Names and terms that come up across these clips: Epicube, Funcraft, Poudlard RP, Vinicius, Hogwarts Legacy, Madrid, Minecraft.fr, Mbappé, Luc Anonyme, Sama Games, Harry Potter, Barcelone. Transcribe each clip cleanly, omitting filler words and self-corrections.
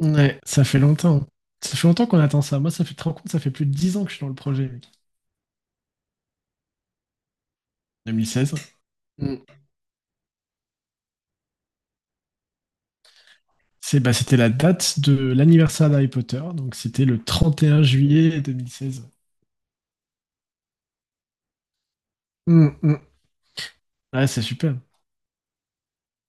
Ouais, ça fait longtemps. Ça fait longtemps qu'on attend ça. Moi, ça fait, tu te rends compte, ça fait plus de 10 ans que je suis dans le projet, mec. 2016. Mm. C'est, bah, c'était la date de l'anniversaire d'Harry Potter, donc c'était le 31 juillet 2016. Mm, mm. Ouais, c'est super.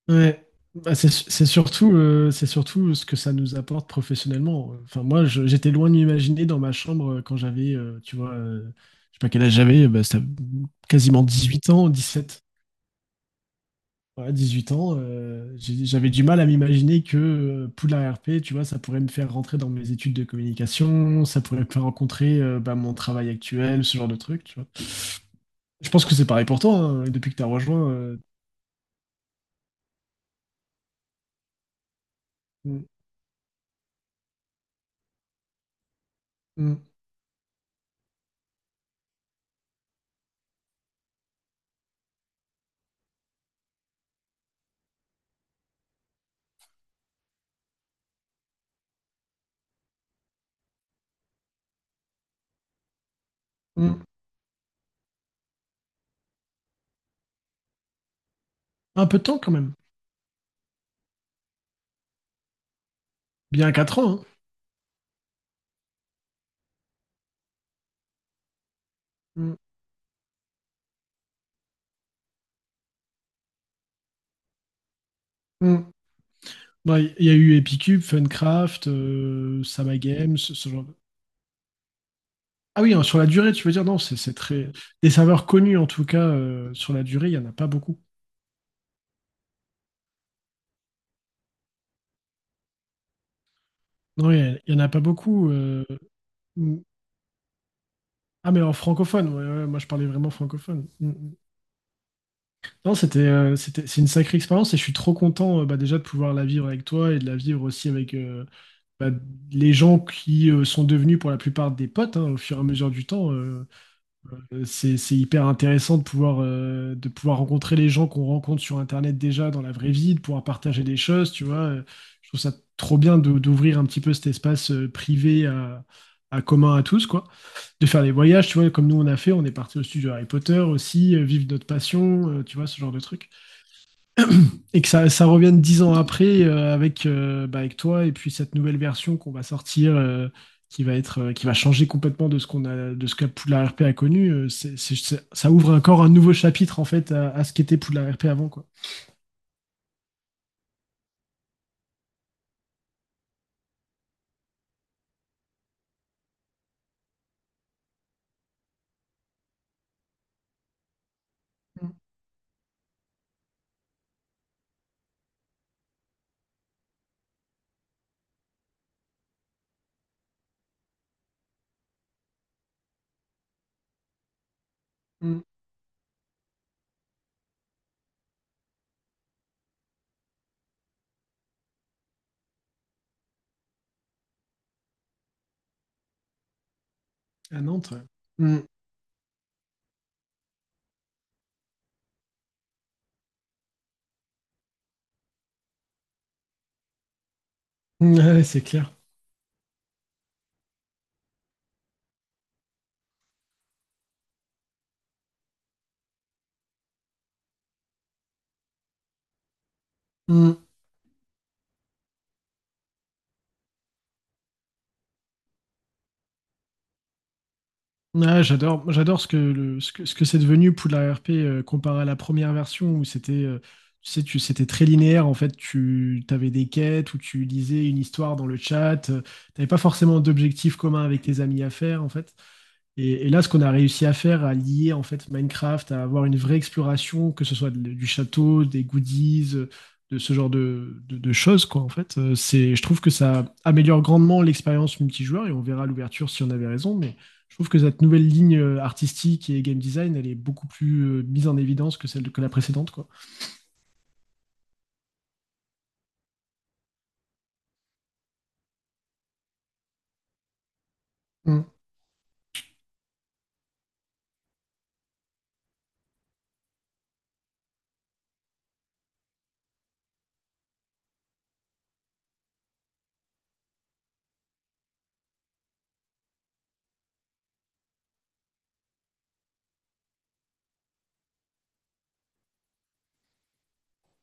Ouais. Bah, c'est surtout, c'est surtout ce que ça nous apporte professionnellement. Enfin, moi, j'étais loin de m'imaginer dans ma chambre, quand j'avais, tu vois, je sais pas quel âge j'avais, bah, c'était quasiment 18 ans, 17. Ouais, 18 ans, j'avais du mal à m'imaginer que, Poudlard RP, tu vois, ça pourrait me faire rentrer dans mes études de communication, ça pourrait me faire rencontrer, bah, mon travail actuel, ce genre de truc, tu vois. Je pense que c'est pareil pour toi, hein, depuis que tu as rejoint. Mm, mm, mm. Un peu de temps quand même, bien 4 ans, hein. Mm, mm. Ouais, il y a eu Epicube, Funcraft, Sama Games, ce genre de... Ah oui, hein, sur la durée, tu veux dire, non, c'est très... Des serveurs connus en tout cas, sur la durée, il n'y en a pas beaucoup. Oui, il n'y en a pas beaucoup. Mm. Ah, mais en francophone, ouais, ouais, moi je parlais vraiment francophone. Mm, mm. Non, c'est une sacrée expérience et je suis trop content, bah, déjà de pouvoir la vivre avec toi et de la vivre aussi avec, bah, les gens qui, sont devenus pour la plupart des potes, hein, au fur et à mesure du temps. C'est hyper intéressant de pouvoir rencontrer les gens qu'on rencontre sur Internet déjà dans la vraie vie, de pouvoir partager des choses, tu vois. Je trouve ça trop bien d'ouvrir un petit peu cet espace, privé à commun à tous, quoi. De faire des voyages, tu vois, comme nous on a fait, on est parti au studio Harry Potter aussi, vivre notre passion, tu vois, ce genre de truc. Et que ça revienne dix ans après, avec, bah, avec toi et puis cette nouvelle version qu'on va sortir, qui va être, qui va changer complètement de ce qu'on a, de ce que Poudlard RP a connu. Ça ouvre encore un nouveau chapitre en fait à ce qu'était Poudlard RP avant, quoi. Mm. À Nantes, ouais. Mm. Mm, ouais, c'est clair. Mm. Ouais, j'adore, j'adore ce que, ce que, ce que c'est devenu Poudlard RP, comparé à la première version où c'était, tu sais, tu, c'était très linéaire. En fait, tu avais des quêtes où tu lisais une histoire dans le chat. Tu n'avais pas forcément d'objectif commun avec tes amis à faire, en fait. Et là, ce qu'on a réussi à faire, à lier en fait Minecraft, à avoir une vraie exploration, que ce soit du château, des goodies, de ce genre de, de choses, quoi, en fait, c'est, je trouve que ça améliore grandement l'expérience multijoueur et on verra à l'ouverture si on avait raison, mais je trouve que cette nouvelle ligne, artistique et game design, elle est beaucoup plus, mise en évidence que celle que la précédente, quoi. Mm.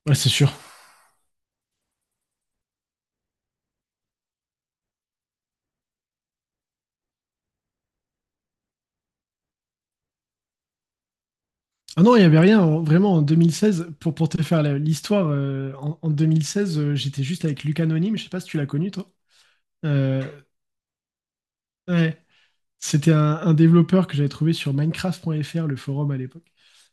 Ouais, c'est sûr. Ah non, il n'y avait rien. Vraiment, en 2016, pour te faire l'histoire, en, en 2016, j'étais juste avec Luc Anonyme. Je sais pas si tu l'as connu, toi. Euh, Ouais. C'était un développeur que j'avais trouvé sur Minecraft.fr, le forum à l'époque,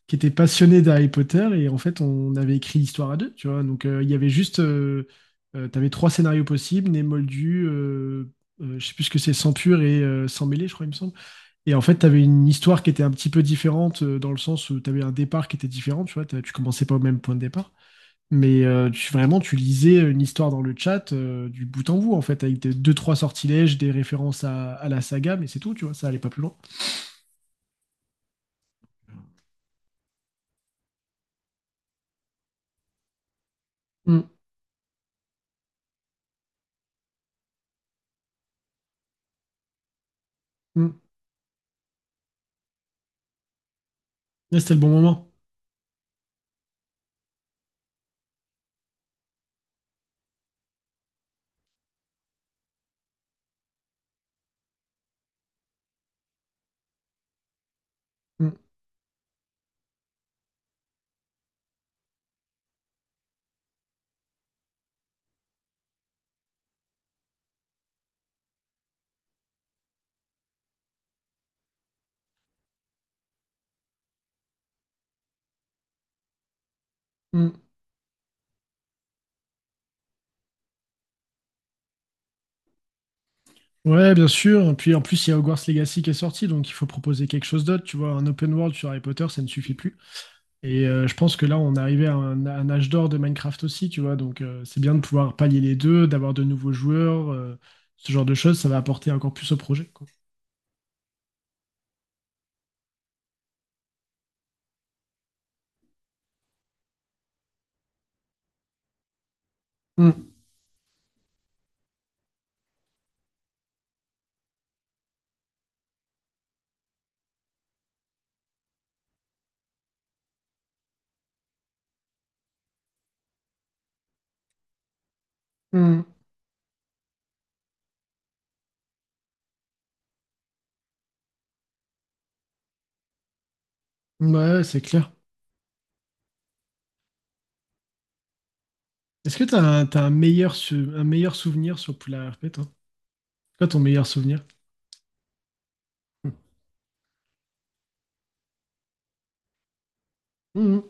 qui était passionné d'Harry Potter et en fait on avait écrit l'histoire à deux, tu vois. Donc, il y avait juste, t'avais trois scénarios possibles, né moldu, je sais plus ce que c'est, sans pur et, sans mêlé, je crois il me semble. Et en fait t'avais une histoire qui était un petit peu différente, dans le sens où t'avais un départ qui était différent, tu vois. Tu commençais pas au même point de départ. Mais, tu, vraiment, tu lisais une histoire dans le chat, du bout en bout, en fait, avec des, deux, trois sortilèges, des références à la saga, mais c'est tout, tu vois, ça allait pas plus loin. Mm, mm. Et c'était le bon moment. Mm, mm. Ouais, bien sûr. Et puis en plus, il y a Hogwarts Legacy qui est sorti, donc il faut proposer quelque chose d'autre. Tu vois, un open world sur Harry Potter, ça ne suffit plus. Et, je pense que là, on est arrivé à un âge d'or de Minecraft aussi, tu vois. Donc, c'est bien de pouvoir pallier les deux, d'avoir de nouveaux joueurs, ce genre de choses, ça va apporter encore plus au projet, quoi. Mm, mm. Ouais, c'est clair. Est-ce que tu un, t'as un meilleur, un meilleur souvenir sur Poula R P toi? C'est quoi ton meilleur souvenir? Mhm,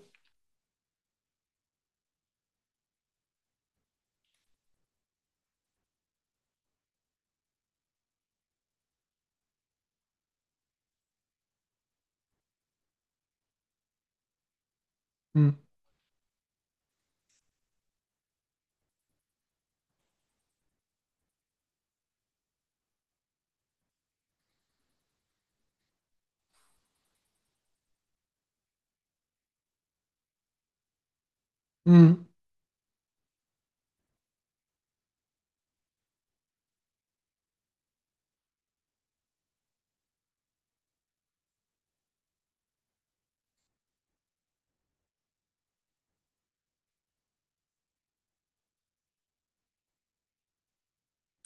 mhm, mhm.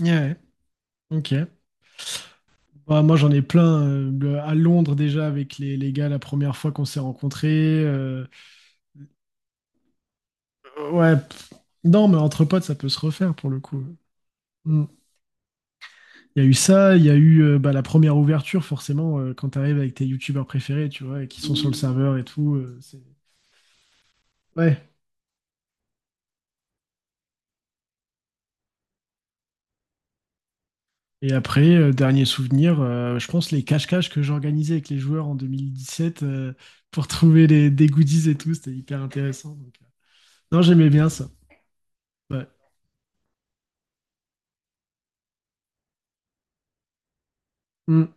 Ouais, ouais, ok. Bah, moi, j'en ai plein. À Londres, déjà, avec les gars, la première fois qu'on s'est rencontrés. Ouais, pff. Non, mais entre potes, ça peut se refaire, pour le coup. Mhm. Il y a eu ça, il y a eu, bah, la première ouverture, forcément, quand t'arrives avec tes youtubeurs préférés, tu vois, et qui sont sur le serveur et tout. C'est... Ouais. Et après, dernier souvenir, je pense les cache-cache que j'organisais avec les joueurs en 2017, pour trouver les, des goodies et tout, c'était hyper intéressant. Donc, non, j'aimais bien ça. Ouais. Mm.